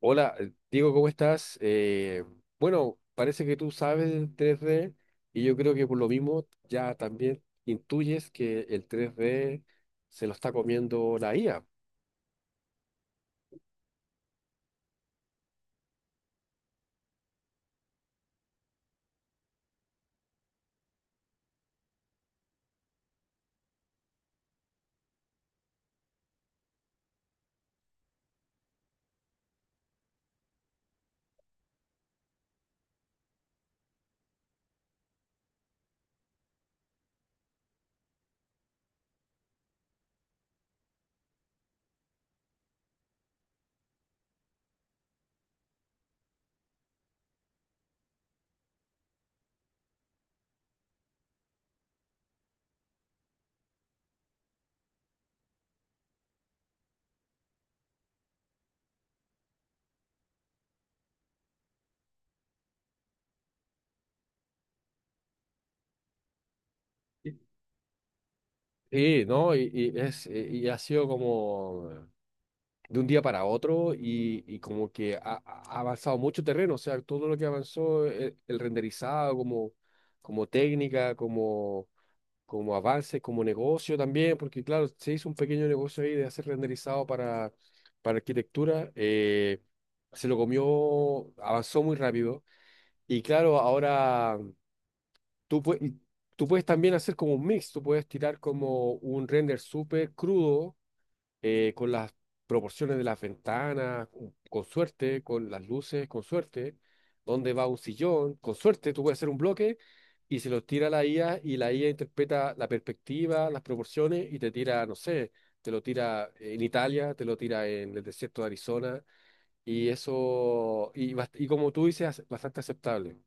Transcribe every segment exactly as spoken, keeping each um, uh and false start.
Hola, eh, Diego, ¿cómo estás? Eh, bueno, parece que tú sabes del tres D y yo creo que por lo mismo ya también intuyes que el tres d se lo está comiendo la I A. Sí, sí, ¿no? Y, y es, y ha sido como de un día para otro, y, y como que ha, ha avanzado mucho terreno. O sea, todo lo que avanzó, el, el renderizado como, como, técnica, como, como avance, como negocio también, porque claro, se hizo un pequeño negocio ahí de hacer renderizado para, para arquitectura. Eh, se lo comió, avanzó muy rápido, y claro, ahora tú puedes... tú puedes también hacer como un mix. Tú puedes tirar como un render súper crudo, eh, con las proporciones de las ventanas, con con suerte, con las luces, con suerte, dónde va un sillón, con suerte tú puedes hacer un bloque y se lo tira a la I A, y la I A interpreta la perspectiva, las proporciones, y te tira, no sé, te lo tira en Italia, te lo tira en el desierto de Arizona. Y eso, y, bast- y como tú dices, bastante aceptable.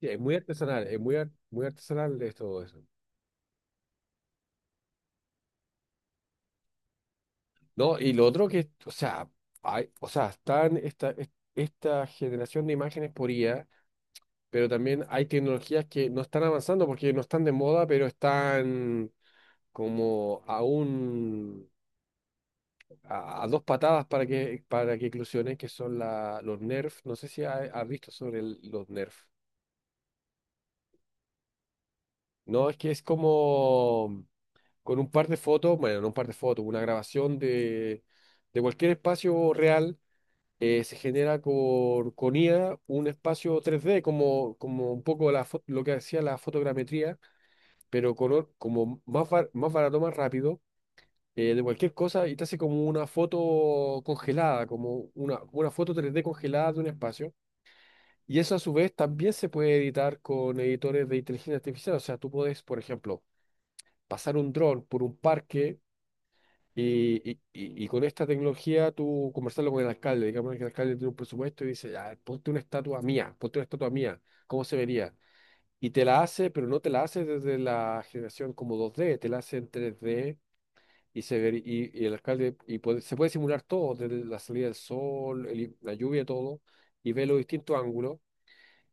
Sí, es muy artesanal, es muy, ar- muy artesanal de todo eso. No, y lo otro que, o sea, hay, o sea, están esta, es- esta generación de imágenes por I A, pero también hay tecnologías que no están avanzando porque no están de moda, pero están como a un, a, a dos patadas para que, para que eclosionen, que son la, los Nerf. No sé si ha- has visto sobre el- los Nerf. No, es que es como con un par de fotos, bueno, no un par de fotos, una grabación de, de, cualquier espacio real. Eh, se genera con, con I A un espacio tres D, como, como un poco la, fo- lo que hacía la fotogrametría, pero color como más, bar- más barato, más rápido, eh, de cualquier cosa, y te hace como una foto congelada, como una, una foto tres D congelada de un espacio. Y eso a su vez también se puede editar con editores de inteligencia artificial. O sea, tú puedes, por ejemplo, pasar un dron por un parque y, y, y- y con esta tecnología tú conversarlo con el alcalde. Digamos que el alcalde tiene un presupuesto y dice, "Ya, ponte una estatua mía, ponte una estatua mía, ¿cómo se vería?". Y te la hace, pero no te la hace desde la generación como dos d, te la hace en tres d, y, se ver- y, y el alcalde y puede- se puede simular todo, desde la salida del sol, el- la lluvia, todo, y ve los distintos ángulos,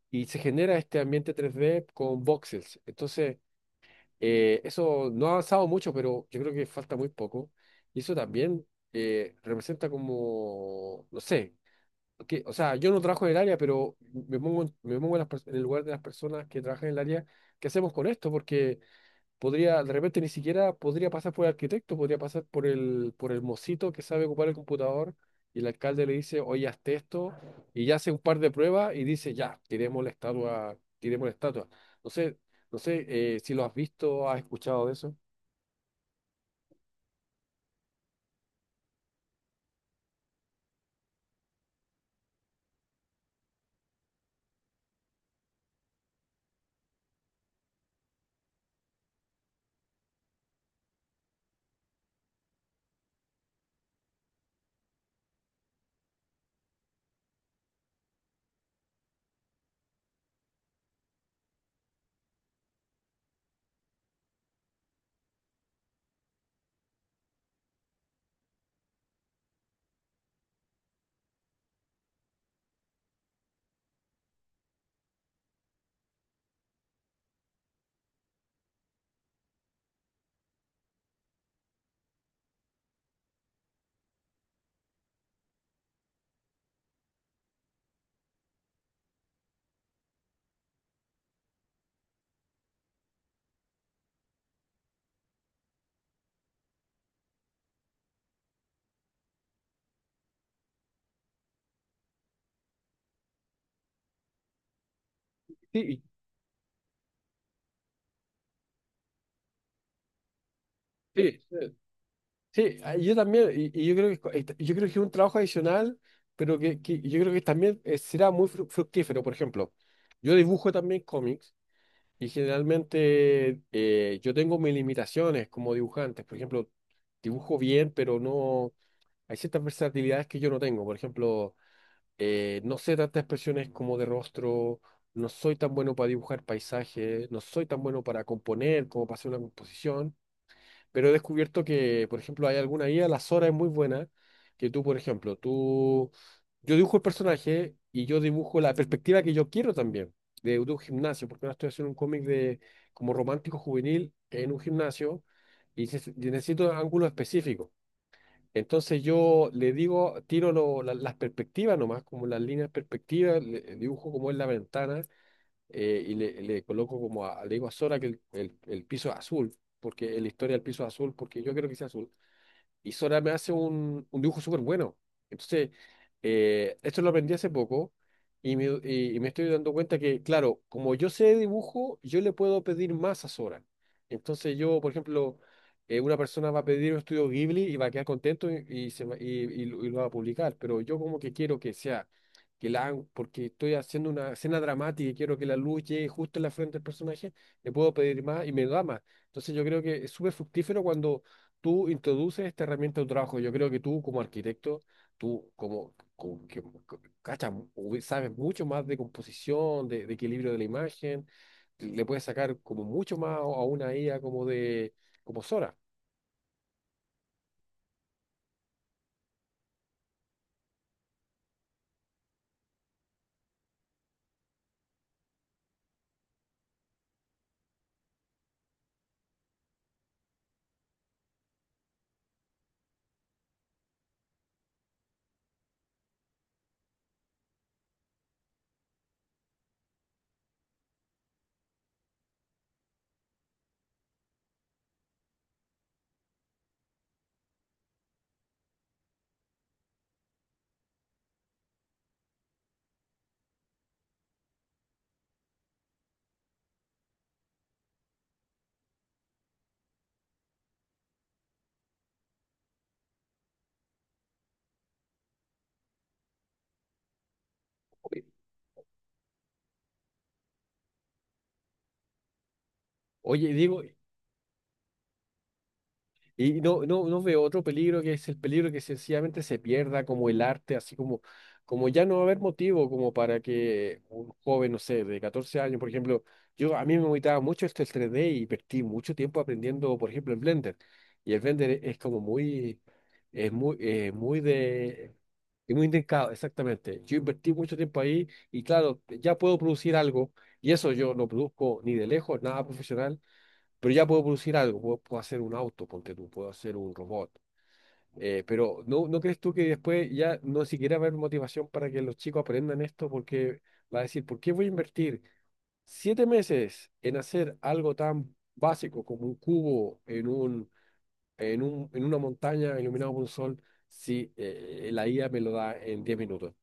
y se genera este ambiente tres d con voxels. Entonces, Eh, eso no ha avanzado mucho, pero yo creo que falta muy poco. Y eso también eh, representa como, no sé, que, o sea, yo no trabajo en el área, pero me pongo, en- me pongo en, las pers- en el lugar de las personas que trabajan en el área. ¿Qué hacemos con esto? Porque podría, de repente ni siquiera podría pasar por el arquitecto, podría pasar por el, por el mocito que sabe ocupar el computador, y el alcalde le dice, "Oye, hazte esto", y ya hace un par de pruebas y dice, "Ya, tiremos la estatua, tiremos la estatua". No sé, no sé eh, si lo has visto, has escuchado de eso. Sí, sí, sí, sí, ah, yo también. Y, y yo creo que, es co- eh, yo creo que es un trabajo adicional, pero que, que yo creo que también eh, será muy fru- fructífero. Por ejemplo, yo dibujo también cómics. Y generalmente eh, yo tengo mis limitaciones como dibujante. Por ejemplo, dibujo bien, pero no hay ciertas versatilidades que yo no tengo. Por ejemplo, eh, no sé tantas expresiones como de rostro, no soy tan bueno para dibujar paisajes, no soy tan bueno para componer como para hacer una composición. Pero he descubierto que, por ejemplo, hay alguna I A, la Sora es muy buena, que tú, por ejemplo, tú, yo dibujo el personaje y yo dibujo la perspectiva que yo quiero también, de, de un gimnasio, porque ahora estoy haciendo un cómic de como romántico juvenil en un gimnasio, y, se- y necesito ángulos específicos. Entonces yo le digo, tiro lo- la- las perspectivas nomás, como las líneas perspectivas, le- dibujo como es la ventana, eh, y le, le coloco como a, le digo a Sora que el, el- el piso es azul, porque en la historia el piso es azul, porque yo creo que sea azul, y Sora me hace un, un dibujo súper bueno. Entonces, eh, esto lo aprendí hace poco, y me, y- y me estoy dando cuenta que, claro, como yo sé de dibujo, yo le puedo pedir más a Sora. Entonces yo, por ejemplo, eh, una persona va a pedir un estudio Ghibli y va a quedar contento, y, y se va- y- y lo y lo va a publicar, pero yo como que quiero que sea, que la hagan, porque estoy haciendo una escena dramática y quiero que la luz llegue justo en la frente del personaje. Le puedo pedir más y me da más. Entonces yo creo que es súper fructífero cuando tú introduces esta herramienta a tu trabajo. Yo creo que tú como arquitecto, tú como, como, que co- cacha, ubi- sabes mucho más de composición, de, de equilibrio de la imagen, le puedes sacar como mucho más a una I A como de como Sora. Oye, Diego, y no, no, no veo otro peligro que es el peligro que sencillamente se pierda como el arte, así como, como ya no va a haber motivo como para que un joven, no sé, de catorce años, por ejemplo. Yo, a mí me gustaba mucho esto, el tres D, y perdí mucho tiempo aprendiendo, por ejemplo, en Blender. Y el Blender e- es como muy, es muy, eh, muy de, es muy indicado, exactamente. Yo invertí mucho tiempo ahí y claro, ya puedo producir algo, y eso yo no produzco ni de lejos, nada profesional, pero ya puedo producir algo. Puedo, puedo hacer un auto, ponte tú, puedo hacer un robot. Eh, pero ¿no, no crees tú que después ya no siquiera va a haber motivación para que los chicos aprendan esto? Porque va a decir, ¿por qué voy a invertir siete meses en hacer algo tan básico como un cubo en un, en un, en una montaña iluminado por un sol si eh, la I A me lo da en diez minutos?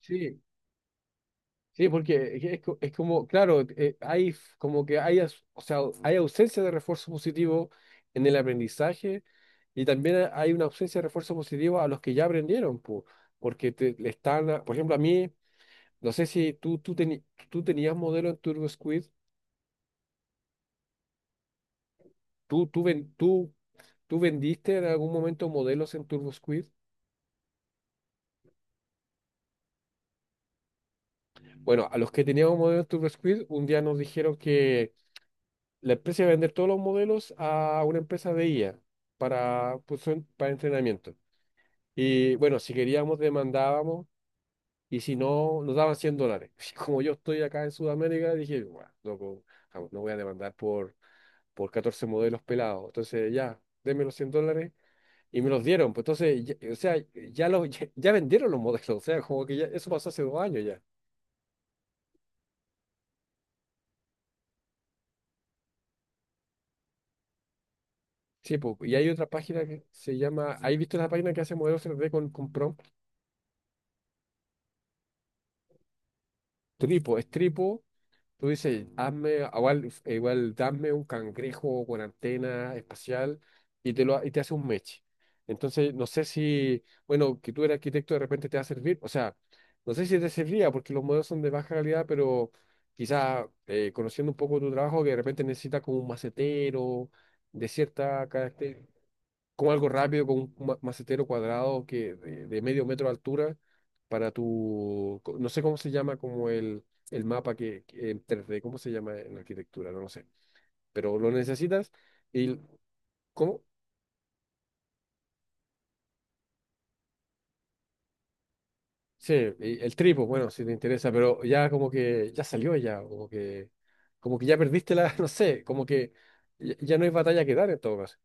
Sí, sí, porque es, es co- es como, claro, eh, hay f- como que hay, as- o sea, hay ausencia de refuerzo positivo en el aprendizaje, y también ha- hay una ausencia de refuerzo positivo a los que ya aprendieron, po, porque te, le están, a- por ejemplo, a mí, no sé si tú, tú, teni- tú tenías modelo en TurboSquid, tú, tú, ven- tú, tú vendiste en algún momento modelos en TurboSquid. Bueno, a los que teníamos modelos en TurboSquid, un día nos dijeron: la empresa iba a vender todos los modelos a una empresa de I A para, pues, son- para entrenamiento. Y bueno, si queríamos, demandábamos, y si no, nos daban cien dólares. Como yo estoy acá en Sudamérica, dije, bueno, loco, jamás no voy a demandar por, por catorce modelos pelados. Entonces, ya, denme los cien dólares. Y me los dieron, pues entonces, ya- o sea, ya, los, ya, ya vendieron los modelos. O sea, como que ya, eso pasó hace dos años ya. Sí, pues, y hay otra página que se llama, ¿hay visto la página que hace modelos tres D con, con prompt? Tripo, es Tripo. Tú dices, "Hazme, ah, igual, eh, igual dame un cangrejo con antena espacial", y te lo, ha- y te hace un meche. Entonces, no sé si, bueno, que tú eres arquitecto de repente te va a servir. O sea, no sé si te serviría porque los modelos son de baja calidad, pero quizás conociendo un poco tu trabajo, que de repente necesitas como un macetero de cierta característica, como algo rápido, con un ma- macetero cuadrado que de, de, medio metro de altura para tu, co- no sé cómo se llama, como el, el mapa que, que en tres D. ¿Cómo se llama en arquitectura? No lo sé, pero lo necesitas, y ¿cómo? Sí, y el tripo, bueno, si te interesa, pero ya como que ya salió ya, como que, como que ya perdiste la, no sé, como que ya, ya no hay batalla que dar en todo caso.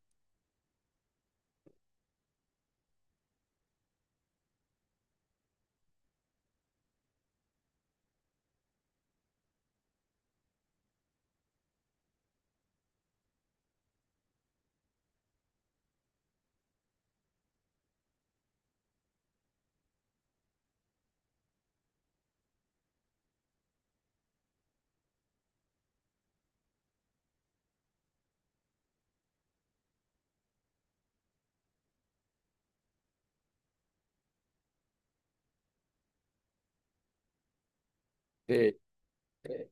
Sí,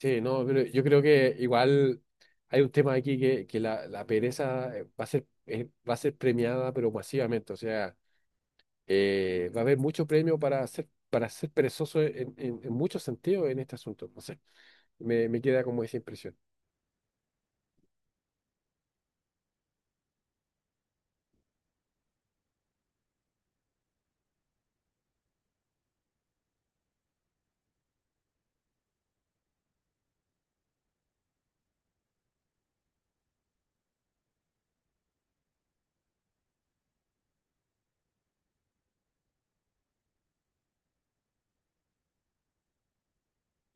sí, no, pero yo creo que igual hay un tema aquí que, que la, la pereza eh, va a ser, eh, va a ser premiada, pero masivamente. O sea, eh, va a haber mucho premio para ser, para ser perezoso en, en, en muchos sentidos en este asunto. No sé, me, me queda como esa impresión.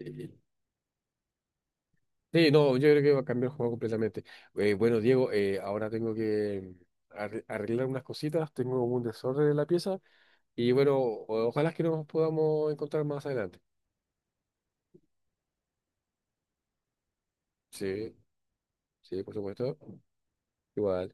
Eh, Sí, no, yo creo que va a cambiar el juego completamente. Eh, bueno, Diego, eh, ahora tengo que arre- arreglar unas cositas, tengo un desorden en la pieza. Y bueno, o- ojalá que nos podamos encontrar más adelante. Sí, sí, por supuesto. Igual.